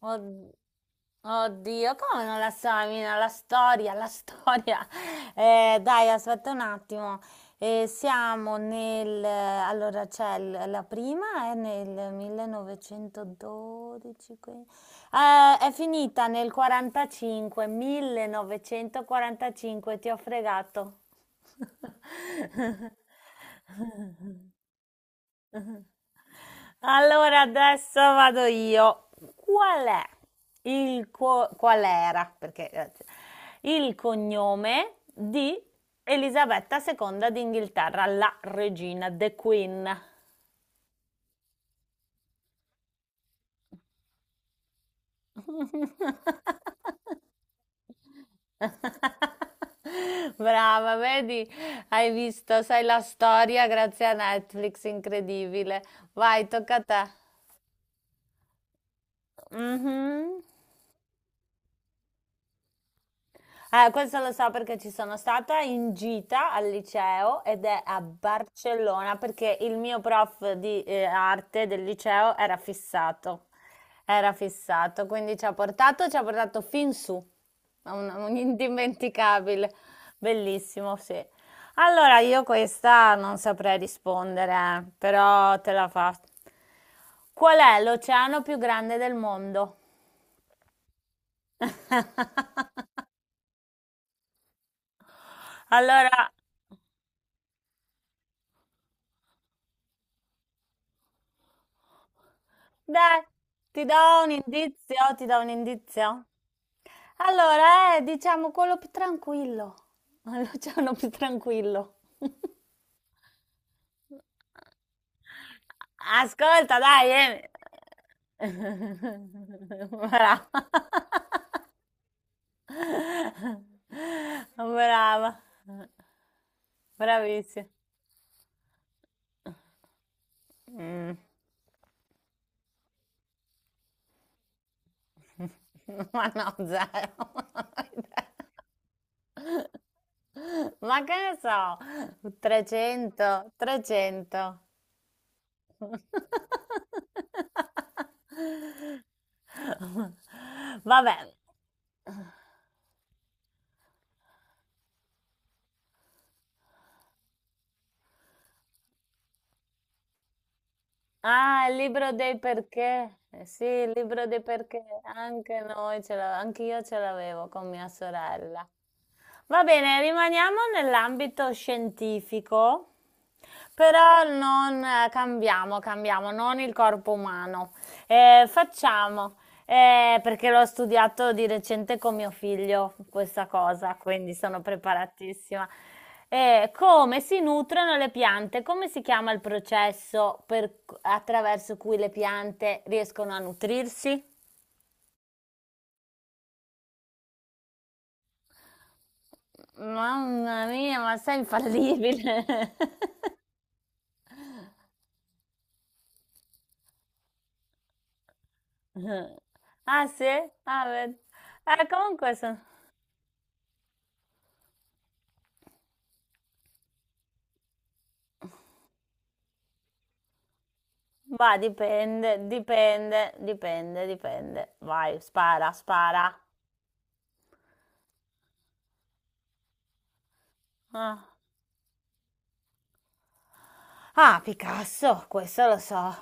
Od- Oddio, come non la indovina? La storia, la storia. Dai, aspetta un attimo. Allora, c'è la prima è nel 1912. È finita nel 45, 1945, ti ho fregato. Allora adesso vado io. Qual è qual era? Perché il cognome di Elisabetta II d'Inghilterra, la regina, the Queen. Brava, vedi? Hai visto, sai la storia grazie a Netflix, incredibile. Vai, tocca a te. Mhm. Questo lo so perché ci sono stata in gita al liceo ed è a Barcellona perché il mio prof di arte del liceo era fissato. Era fissato, quindi ci ha portato fin su. È un indimenticabile, bellissimo, sì. Allora, io questa non saprei rispondere, però te la faccio. Qual è l'oceano più grande del mondo? Allora, dai, ti do un indizio, ti do un indizio. Allora, è, diciamo quello più tranquillo. L'oceano più tranquillo. Ascolta, dai, eh. Brava. Brava. Bravissima. Mm. Ma no, zero. Ma che ne so, 300, 300. Vabbè. Ah, il libro dei perché. Eh sì, il libro dei perché. Anche noi ce l'avevamo, anche io ce l'avevo con mia sorella. Va bene, rimaniamo nell'ambito scientifico, però non cambiamo, cambiamo, non il corpo umano. Facciamo, perché l'ho studiato di recente con mio figlio questa cosa, quindi sono preparatissima. Come si nutrono le piante? Come si chiama il processo attraverso cui le piante riescono a nutrirsi? Mamma mia, ma sei infallibile! Ah sì? Ah, vedi. Comunque, va, dipende, dipende, dipende, dipende. Vai, spara, spara. Ah. Ah, Picasso, questo lo so.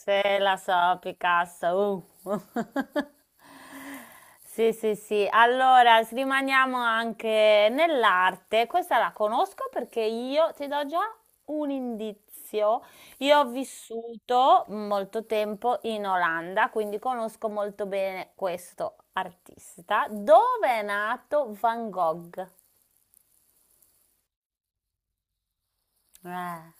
Se la so, Picasso. Sì, sì, sì. Allora, rimaniamo anche nell'arte. Questa la conosco perché io ti do già un indizio. Io ho vissuto molto tempo in Olanda, quindi conosco molto bene questo artista. Dove è nato Van Gogh? Eh.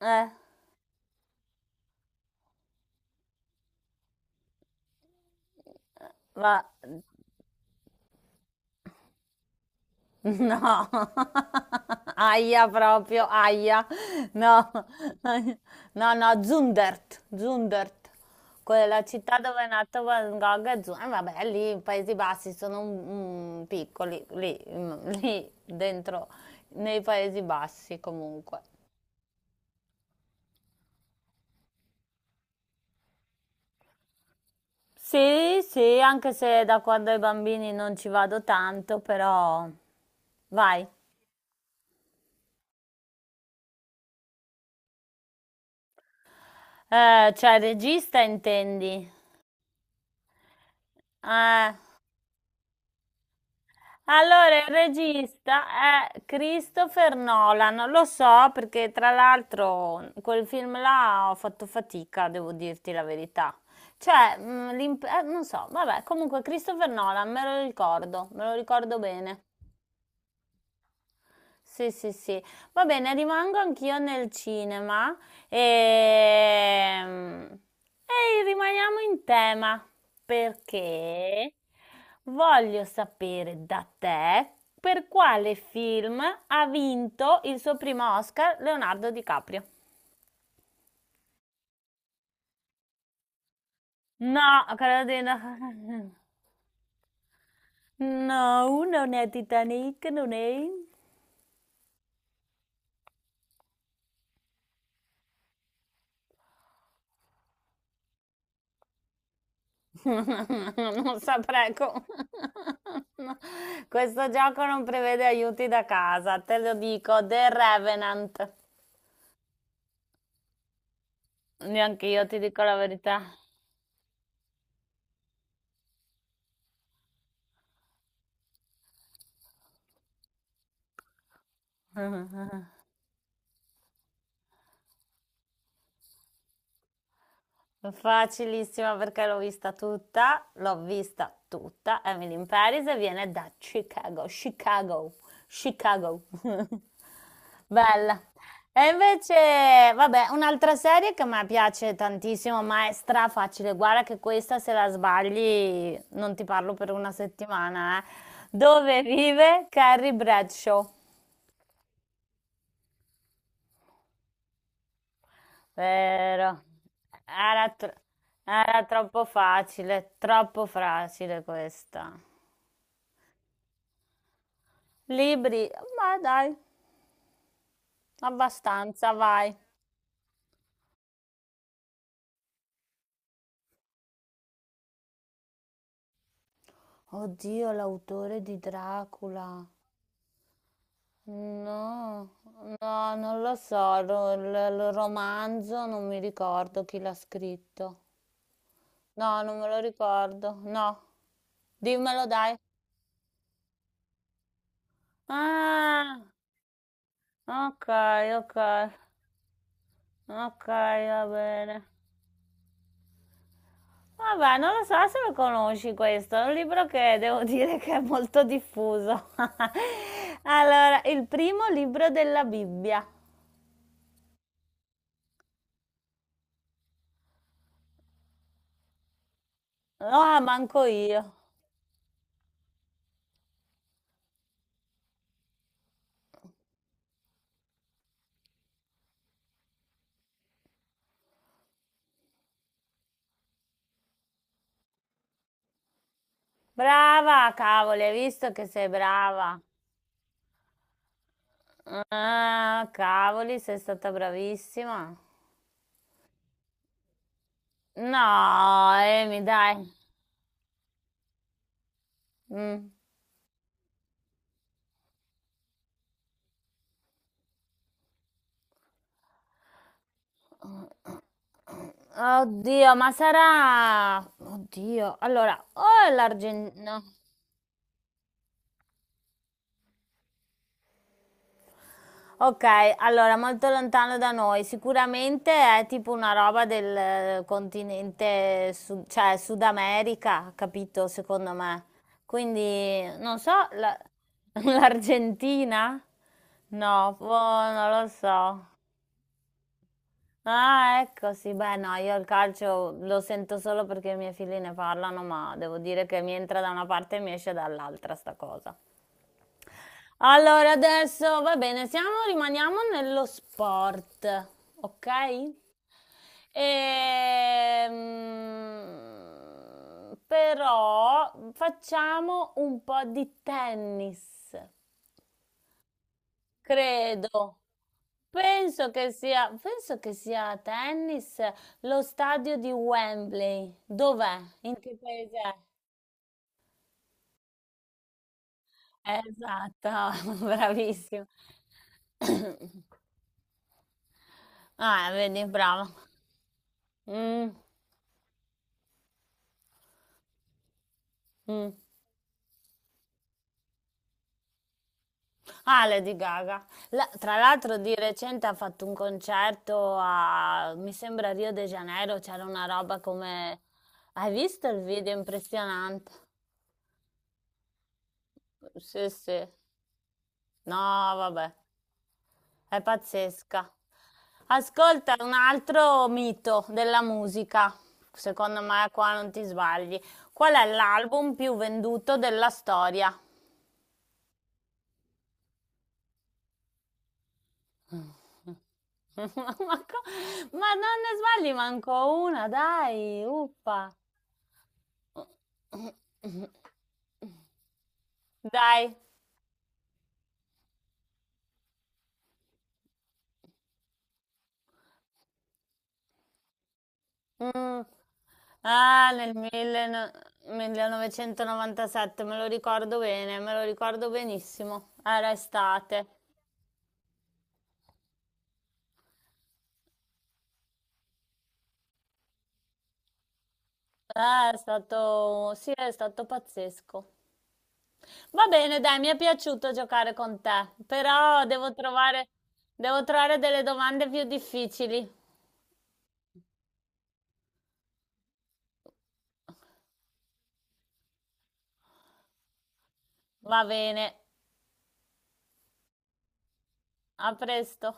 Eh, va. No. Aia proprio, aia. No. No, no, Zundert, Zundert. Quella città dove è nato Van Gogh è Zundert. Vabbè, lì in Paesi Bassi sono piccoli, lì, lì dentro, nei Paesi Bassi comunque. Sì, sì, anche se da quando ai bambini non ci vado tanto, però vai. Cioè regista intendi? Eh, allora il regista è Christopher Nolan, lo so perché tra l'altro quel film là ho fatto fatica, devo dirti la verità. Cioè, non so, vabbè, comunque Christopher Nolan me lo ricordo bene. Sì, sì, sì. Va bene, rimango anch'io nel cinema e... e rimaniamo in tema perché voglio sapere da te per quale film ha vinto il suo primo Oscar Leonardo DiCaprio. No, credo di no. No, non è Titanic, non è. Non saprei no. Questo gioco non prevede aiuti da casa, te lo dico, The Revenant. Neanche io ti dico la verità. Facilissima perché l'ho vista tutta, l'ho vista tutta. Emily in Paris e viene da Chicago, Chicago, Chicago. Bella. E invece, vabbè, un'altra serie che a me piace tantissimo, ma è strafacile. Guarda che questa, se la sbagli, non ti parlo per una settimana, eh. Dove vive Carrie Bradshaw? Vero. Era, tro- era troppo facile questa. Libri, ma dai, abbastanza, vai. Oddio, l'autore di Dracula. No, no, non lo so, il romanzo non mi ricordo chi l'ha scritto. No, non me lo ricordo. No, dimmelo dai. Ah, ok, ok, ok, va bene. Vabbè, non lo so se lo conosci questo, è un libro che devo dire che è molto diffuso. Allora, il primo libro della Bibbia. Ah, manco io. Brava, cavoli, hai visto che sei brava. Ah, cavoli, sei stata bravissima. No, Emi, dai. Mm. Oddio, allora, o è l'Argentina... Ok, allora, molto lontano da noi. Sicuramente è tipo una roba del continente, cioè Sud America, capito, secondo me. Quindi, non so, l'Argentina? No, boh, non lo so. Ah, ecco, sì, beh, no, io il calcio lo sento solo perché i miei figli ne parlano, ma devo dire che mi entra da una parte e mi esce dall'altra sta cosa. Allora, adesso va bene, rimaniamo nello sport, ok? Però facciamo un po' di tennis. Credo. Penso che sia a tennis lo stadio di Wembley. Dov'è? In che paese è? Esatto, bravissimo. Ah, vedi, bravo. Mm, mm. Ah, Lady Gaga. Tra l'altro di recente ha fatto un concerto a, mi sembra, Rio de Janeiro, c'era una roba come... Hai visto il video? Impressionante. Sì, sì. No, vabbè, è pazzesca. Ascolta un altro mito della musica. Secondo me qua non ti sbagli. Qual è l'album più venduto della storia? Ma, co- ma non ne sbagli manco una, dai, uppa. Dai. Mm. Ah, nel 1900 1997, me lo ricordo bene, me lo ricordo benissimo. Era estate. È stato, sì, è stato pazzesco. Va bene, dai, mi è piaciuto giocare con te, però devo trovare, delle domande più difficili. Va bene, a presto.